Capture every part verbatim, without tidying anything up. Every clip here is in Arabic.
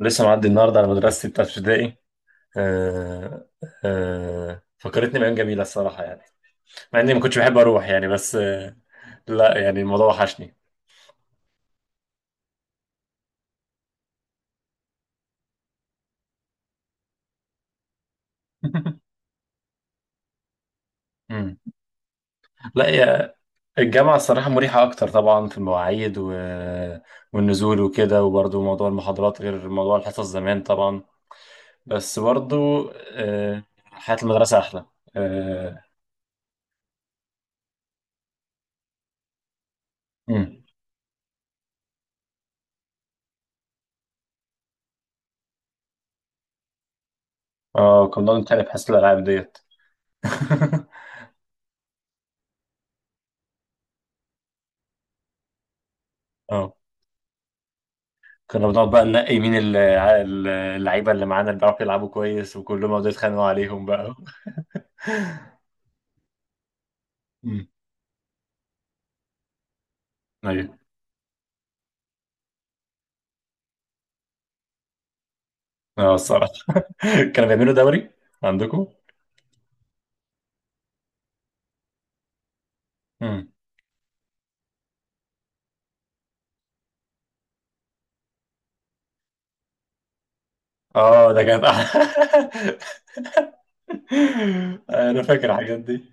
لسه معدي النهارده على مدرستي بتاعت ابتدائي. آه، آه، فكرتني بأيام جميلة الصراحة يعني. مع إني ما كنتش بحب أروح يعني بس آه، لا يعني الموضوع وحشني. مم. لا يا. الجامعة الصراحة مريحة أكتر طبعا في المواعيد، و... والنزول وكده، وبرضو موضوع المحاضرات غير موضوع الحصص زمان طبعا. بس برضو آه، حياة المدرسة أحلى. اه. مم. آه، كنا بنتخانق في حصة الألعاب ديت. اه، كنا بنقعد بقى ننقي مين ال- ال- اللعيبه اللي معانا، اللي بيعرفوا يلعبوا كويس، وكلهم يقعدوا يتخانقوا عليهم بقى. امم ايوه. اه، الصراحه. كانوا بيعملوا دوري عندكم؟ امم اه. ده كانت، انا فاكر الحاجات دي.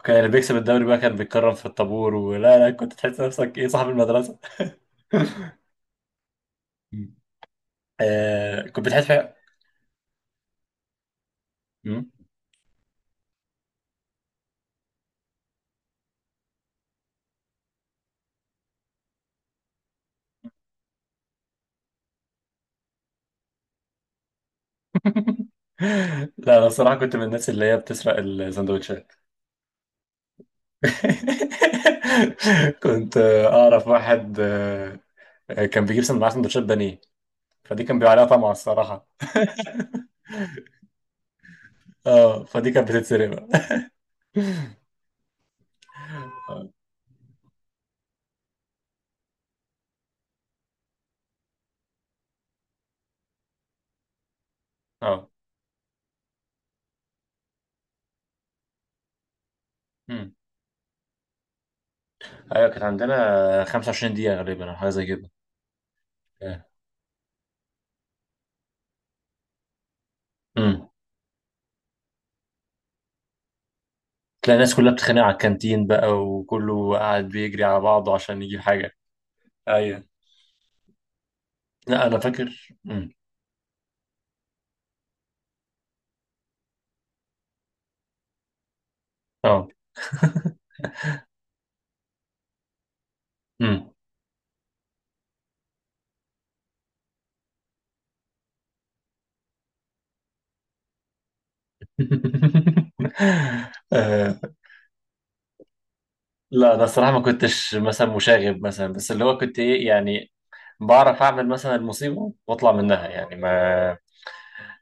وكان اللي بيكسب الدوري بقى كان بيتكرم في الطابور، ولا لا؟ كنت تحس نفسك ايه، صاحب المدرسه. مم. آه، كنت بتحس فيها. مم. لا، انا الصراحه كنت من الناس اللي هي بتسرق السندوتشات. كنت آه، اعرف واحد آه، آه، كان بيجيب سن- معاه سندوتشات بانيه. فدي كان بيبقى عليها طمع الصراحه. اه، فدي كانت بتتسرق بقى. اه. آه. امم ايوه، كانت عندنا خمسة وعشرين دقيقه غالبا او حاجه زي كده. امم تلاقي الناس كلها بتتخانق على الكانتين بقى، وكله قاعد بيجري على بعضه عشان يجيب حاجه. ايوه. لا انا فاكر. امم اه. امم آه، لا انا الصراحه ما كنتش مثلا مشاغب مثلا، بس اللي هو كنت ايه يعني، بعرف اعمل مثلا المصيبه واطلع منها يعني ما.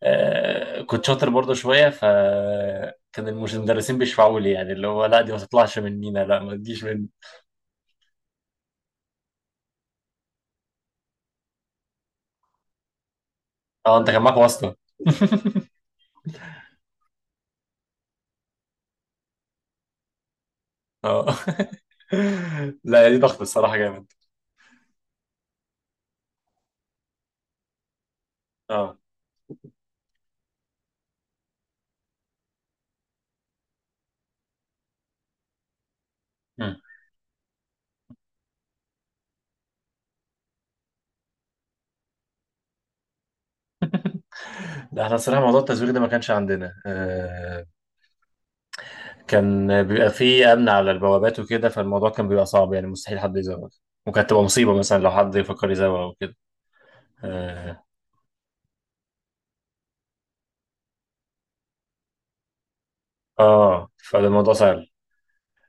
آه كنت شاطر برضه شويه، فكان المش- المدرسين بيشفعوا لي، يعني اللي هو لا دي ما تطلعش مننا، لا ما تجيش مني. اه، انت كان معاك واسطه. اه. لا دي ضغط الصراحه جامد. اه. مم. لا احنا الصراحه موضوع التزوير ده ما كانش عندنا آه كان بيبقى فيه امن على البوابات وكده، فالموضوع كان بيبقى صعب يعني، مستحيل حد يزوغ. وكانت تبقى مصيبه مثلا لو حد يفكر يزوغ او كده. اه. آه، فالموضوع سهل.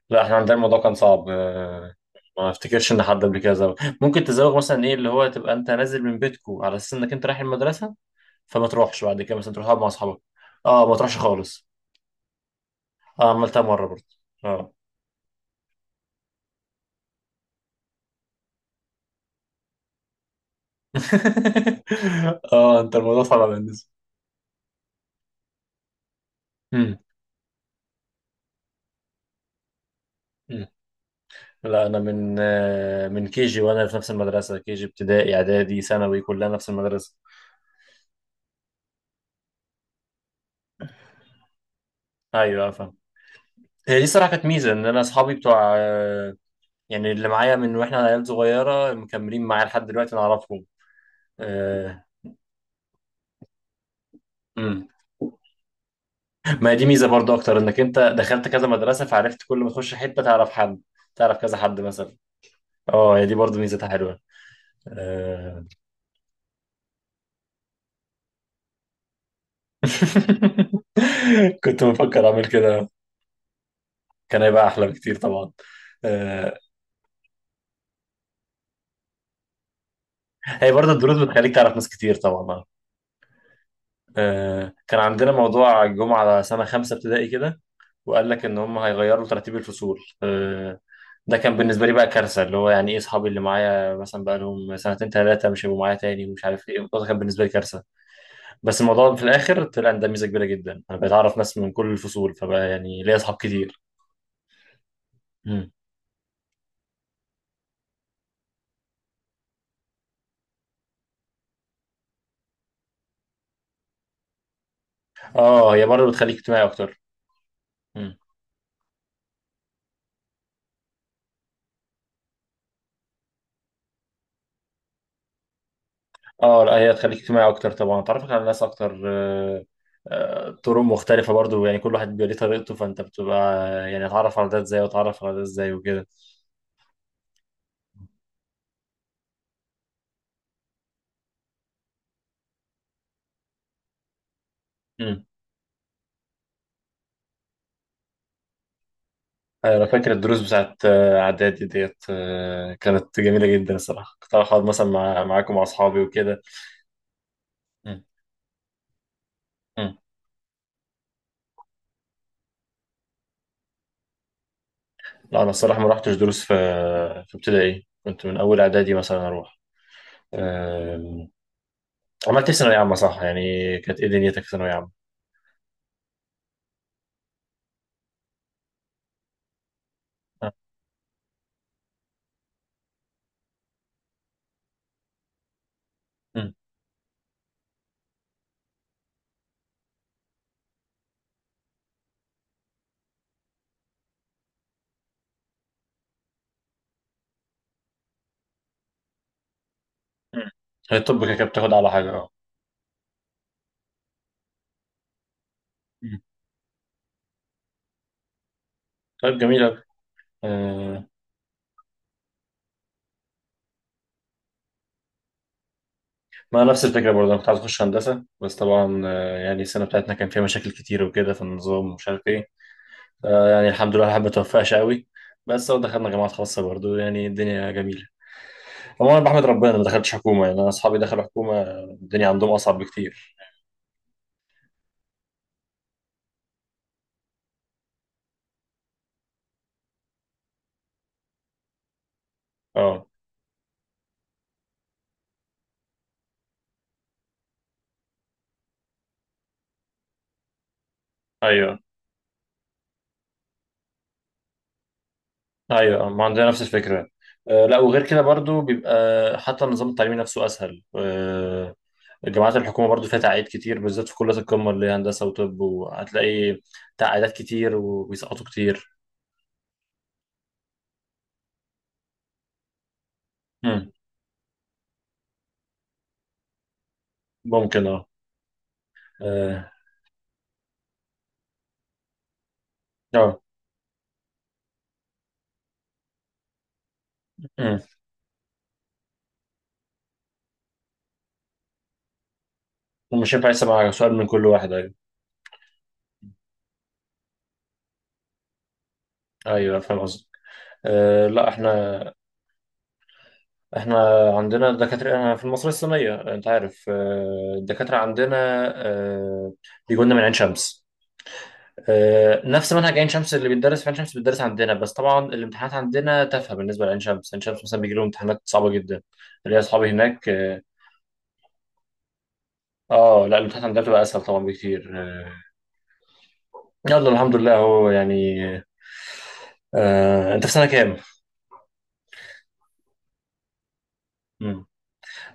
لا، احنا عندنا الموضوع كان صعب آه، ما افتكرش ان حد قبل كده زوغ. ممكن تزوغ مثلا، ايه اللي هو، تبقى انت نازل من بيتكو على اساس انك انت رايح المدرسه، فما تروحش بعد كده، مثلا تروح تقعد مع اصحابك. اه، ما تروحش خالص. اه، عملتها مره برضه. اه. اه، انت الموضوع صعب بالنسبه. مم. مم. لا انا من آه، من كي جي، وانا في نفس المدرسه، كي جي ابتدائي اعدادي ثانوي كلها نفس المدرسه. ايوه فاهم. هي دي صراحه كانت ميزه، ان انا اصحابي بتوع آه، يعني اللي معايا من واحنا عيال صغيرة مكملين معايا لحد دلوقتي، نعرفهم. آه. مم. ما هي دي ميزة برضو أكتر، إنك أنت دخلت كذا مدرسة، فعرفت كل ما تخش حتة تعرف حد، تعرف كذا حد مثلا. اه، هي دي برضو ميزتها حلوة. آه. كنت بفكر أعمل كده. كان هيبقى أحلى بكتير طبعا. آه. هي برضو الدروس بتخليك تعرف ناس كتير طبعا. آه. كان عندنا موضوع الجمعة على سنة خمسة ابتدائي كده، وقال لك ان هم هيغيروا ترتيب الفصول آه، ده كان بالنسبه لي بقى كارثه، اللي هو يعني ايه، اصحابي اللي معايا مثلا بقى لهم سنتين ثلاثه مش هيبقوا معايا تاني، ومش عارف ايه، الموضوع ده كان بالنسبه لي كارثه. بس الموضوع في الاخر طلع ان ده ميزه كبيره جدا، انا بقيت اعرف ناس من كل الفصول، فبقى يعني ليا اصحاب كتير. مم. اه، هي برضه بتخليك اجتماعي اكتر. مم. اه، لا هي تخليك اجتماعي اكتر طبعا، تعرفك على ناس اكتر آه، آه، طرق مختلفة برضو، يعني كل واحد بيبقى ليه طريقته، فانت بتبقى يعني اتعرف على ده ازاي، واتعرف على ده ازاي وكده. مم. أيوة، انا فاكر الدروس بتاعت آه، اعدادي ديت آه، كانت جميله جدا الصراحه، كنت أروح اقعد مثلا مع معاكم مع اصحابي وكده. مم. مم. لا انا الصراحه ما رحتش دروس في في ابتدائي، كنت من اول اعدادي مثلا اروح. آم، عملت ايه في ثانويه عامه، صح يعني؟ كانت ايه دنيتك في ثانويه عامه؟ آه، مم. مم. هي الطب كده كده بتاخد على حاجه. اه. مم. طيب جميل أوي. آه، ما نفس الفكره برضه، انا كنت عايز اخش هندسه، بس طبعا آه، يعني السنه بتاعتنا كان فيها مشاكل كتير وكده في النظام، ومش عارف ايه. آه، يعني الحمد لله، الواحد ما توفقش قوي. بس هو دخلنا جامعات خاصة برضو، يعني الدنيا جميلة. هو أنا بحمد ربنا ما دخلتش حكومة، يعني أنا أصحابي دخلوا حكومة، الدنيا عندهم أصعب بكتير. أه. أيوه. أيوه، ما عندنا نفس الفكرة. أه، لا وغير كده برضو بيبقى حتى النظام التعليمي نفسه أسهل. أه. جامعات الحكومة برضو فيها تعقيد كتير، بالذات في كليات القمة اللي هي هندسة وطب، وهتلاقي تعقيدات كتير وبيسقطوا كتير. مم. ممكن. أه. أه. آه. مم. ومش هينفع يسمع سؤال من كل واحد، أيوه. أيوه فاهم قصدي. آه، لا احنا احنا عندنا دكاترة، انا في المصرية الصينية، انت عارف آه، الدكاترة عندنا آه، بيجوا لنا من عين شمس. آه، نفس منهج عين شمس اللي بيتدرس في عين شمس بيتدرس عندنا، بس طبعا الامتحانات عندنا تافهة بالنسبة لعين شمس، عين شمس مثلا بيجي لهم امتحانات صعبة جدا، اللي هي اصحابي هناك. اه. آه، لا الامتحانات عندنا بتبقى اسهل طبعا بكتير آه، يلا الحمد لله اهو يعني آه، آه، انت في سنة كام؟ مم.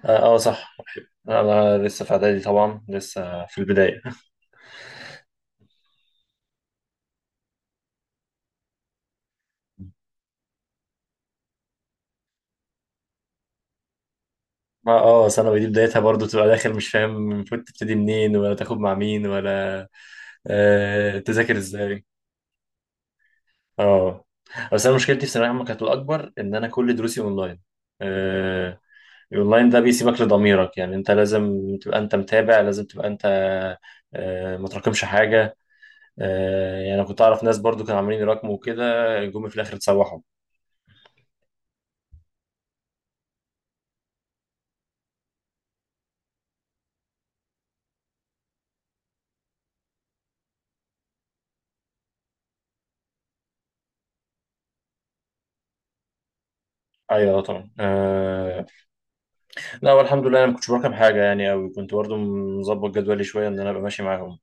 اه. آه، صح. انا لسه في اعدادي طبعا، لسه في البداية. ما اه ثانوي دي بدايتها برضو، تبقى داخل مش فاهم المفروض تبتدي منين، ولا تاخد مع مين، ولا آه تذاكر ازاي. اه، بس انا مشكلتي في ثانويه عامه كانت الاكبر ان انا كل دروسي اونلاين. آه الاونلاين ده بيسيبك لضميرك، يعني انت لازم تبقى انت متابع، لازم تبقى انت آه ما تراكمش حاجه. آه يعني انا كنت اعرف ناس برضو كانوا عاملين يراكموا وكده، جم في الاخر اتسوحوا. ايوه طبعا آه لا والحمد لله انا ما كنتش براكم حاجه يعني قوي، كنت برضو مظبط جدولي شويه ان انا ابقى ماشي معاهم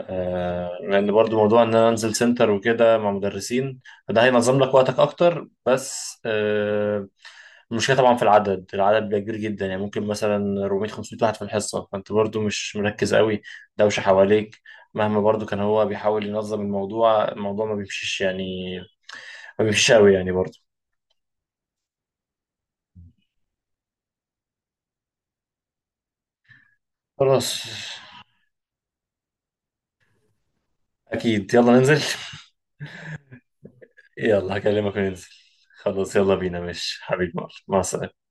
آه، لان برضو موضوع ان انا انزل سنتر وكده مع مدرسين، فده هينظم لك وقتك اكتر، بس آه، المشكله طبعا في العدد، العدد بيبقى كبير جدا، يعني ممكن مثلا اربعمية خمسمية واحد في الحصه، فانت برضو مش مركز قوي، دوشه حواليك، مهما برضو كان هو بيحاول ينظم الموضوع، الموضوع ما بيمشيش يعني، ما بيمشيش قوي يعني برضو. خلاص، اكيد يلا ننزل. يلا هكلمك وننزل. خلاص يلا بينا، ماشي حبيبي، مع مع السلامه.